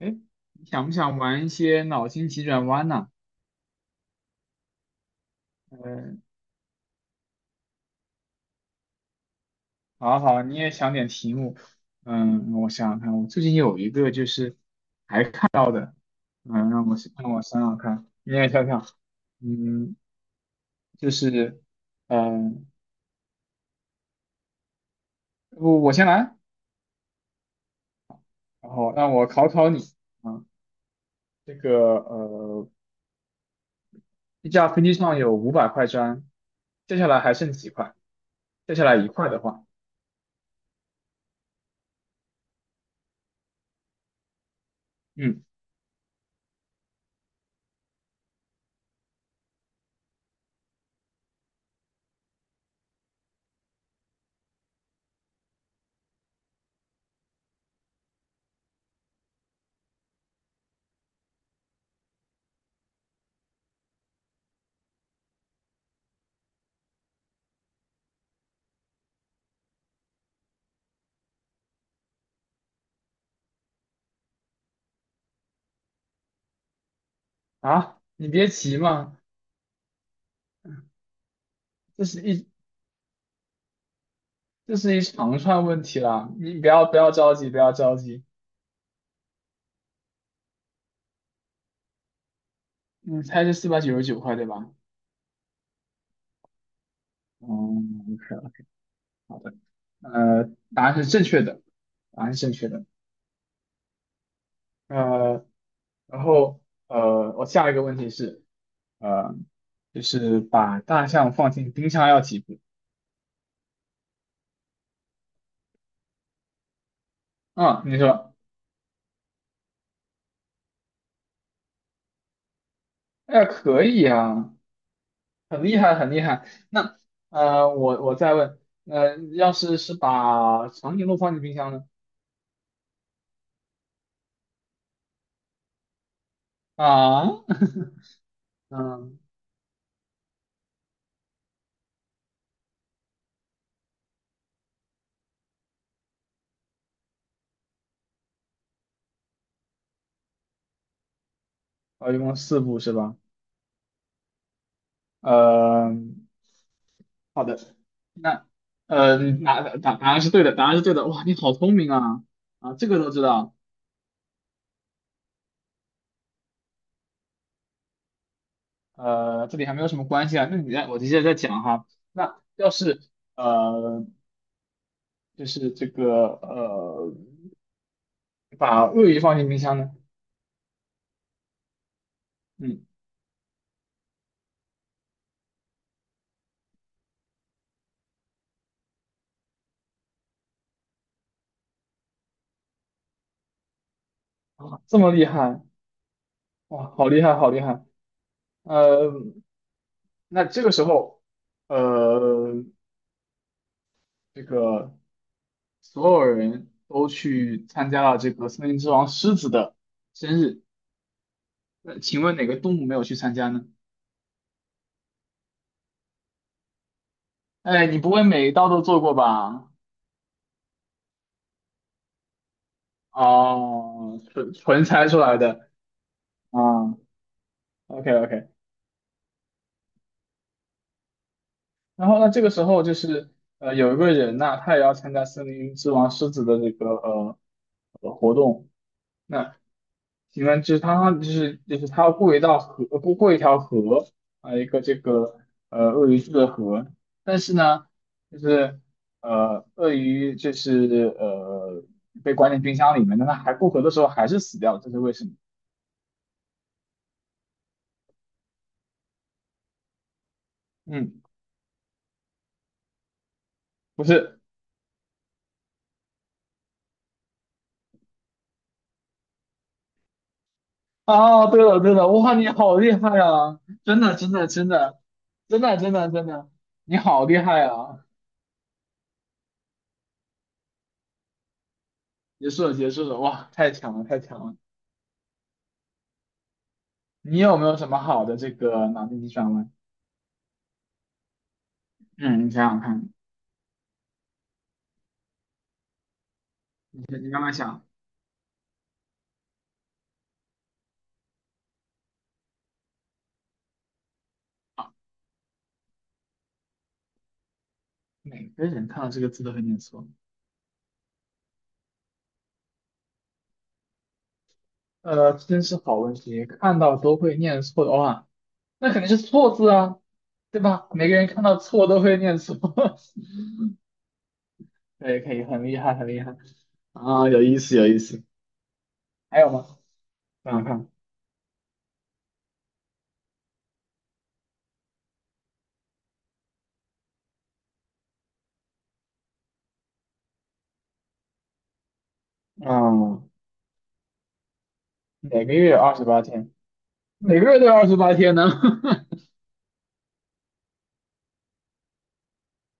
哎，你想不想玩一些脑筋急转弯呢？嗯，好啊好啊，你也想点题目。我想想看，我最近有一个看到的，让我想让我想想看，你也想想，嗯，就是，嗯、我先来，然后让我考考你啊。这个呃，一架飞机上有500块砖，接下来还剩几块？接下来一块的话，嗯。啊，你别急嘛，这是一这是一长串问题啦，你不要着急，不要着急。你猜是499块，对吧？嗯，OK, 好的，呃，答案是正确的，答案是正确的。呃，然后我下一个问题是，呃，就是把大象放进冰箱要几步？嗯，你说。哎呀，可以啊，很厉害，很厉害。那我再问，要是把长颈鹿放进冰箱呢？啊，嗯、哦，一共四部是吧？呃，好的，那呃，答案是对的，答案是对的。哇，你好聪明啊！啊，这个都知道。这里还没有什么关系啊。那你再，我接着再讲哈。那要是呃，就是这个呃，把鳄鱼放进冰箱呢？嗯，啊，这么厉害，哇，好厉害，好厉害。呃，那这个时候，呃，这个，所有人都去参加了这个森林之王狮子的生日。那请问哪个动物没有去参加呢？哎，你不会每一道都做过吧？哦，纯纯猜出来的啊。OK OK。然后呢，这个时候有一个人呐，他也要参加森林之王狮子的这个活动。那景就是他，就是他要过一道河，过一条河啊，一个这个鳄鱼住的河，但是呢，就是鳄鱼被关进冰箱里面，但他还过河的时候还是死掉了，这是为什么？嗯，不是。啊，对了对了，哇，你好厉害啊！真的，你好厉害啊！结束了结束了，哇，太强了太强了！你有没有什么好的这个脑筋急转弯？嗯，你想想看。你你慢慢想，每个人看到这个字都会念错。真是好问题，看到都会念错的话，那肯定是错字啊，对吧？每个人看到错都会念错。可以可以，很厉害很厉害。啊，有意思，有意思。还有吗？想想看。啊，每个月有二十八天，每个月都有二十八天呢。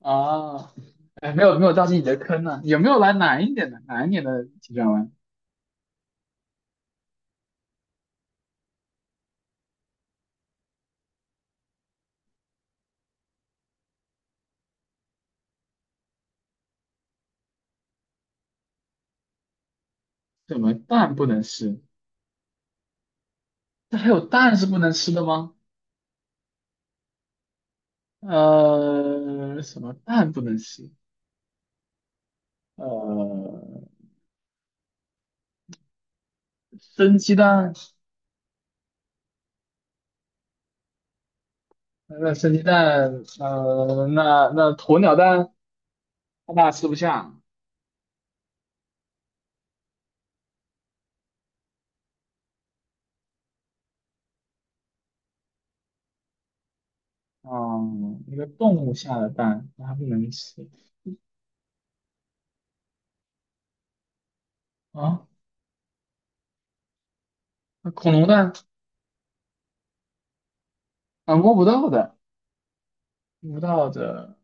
啊，哎，没有没有掉进你的坑呢，有没有来难一点的难一点的急转弯？什么蛋不能吃？这还有蛋是不能吃的吗？什么蛋不能吃？呃，生鸡蛋。那生鸡蛋，呃，那那鸵鸟蛋，它爸吃不下。嗯，一个动物下的蛋，那它不能吃啊。那恐龙蛋啊，摸不到的，摸不到的。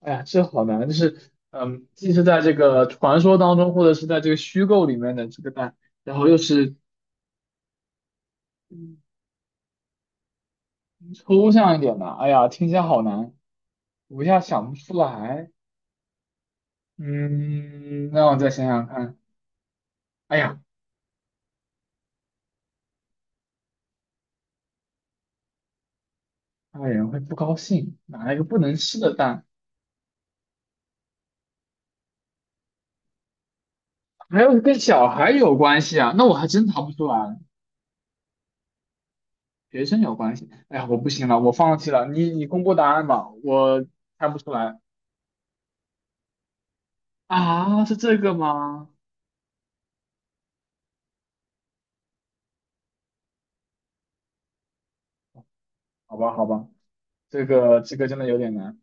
哎呀，这好难，既是在这个传说当中，或者是在这个虚构里面的这个蛋，然后又是嗯抽象一点的。哎呀，听起来好难，我一下想不出来。嗯，让我再想想看。哎呀，大人会不高兴，哪一个不能吃的蛋？还有跟小孩有关系啊？那我还真答不出来了。学生有关系？哎呀，我不行了，我放弃了。你你公布答案吧，我猜不出来。啊，是这个吗？好吧，好吧，这个这个真的有点难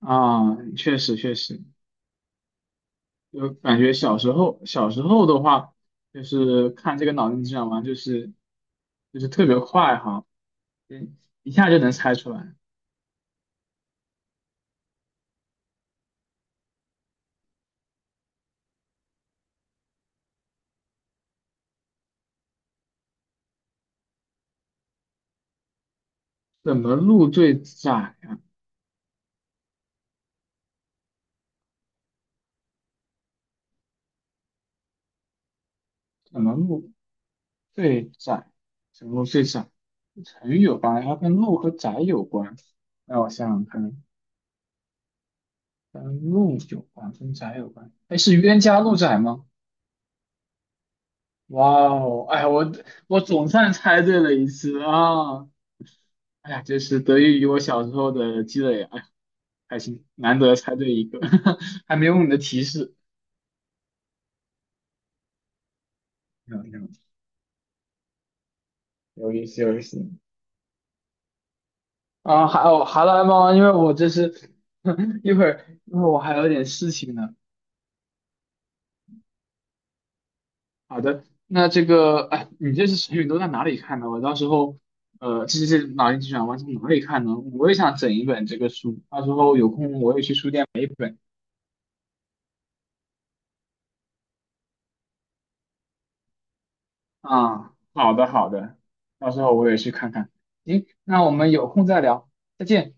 啊。确实确实，就感觉小时候的话，就是看这个脑筋急转弯，就是特别快哈。嗯，一下就能猜出来。怎么路最窄啊？怎么路最窄？怎么路最窄？成语有关，它跟路和窄有关。那我想想看，跟路有关，跟窄有关。哎，是冤家路窄吗？哇哦，哎，我总算猜对了一次啊！哎呀，这是得益于我小时候的积累啊，哎呀，开心，难得猜对一个。还没有你的提示。没有没有，有意思，有意思。啊，还有好了，猫，因为我这是 一会儿，一会儿我还有点事情呢。好的，那这个，哎，你这些成语都在哪里看的？我到时候，这些脑筋急转弯从哪里看呢？我也想整一本这个书，到时候有空我也去书店买一本。啊，好的好的，到时候我也去看看。行，那我们有空再聊，再见。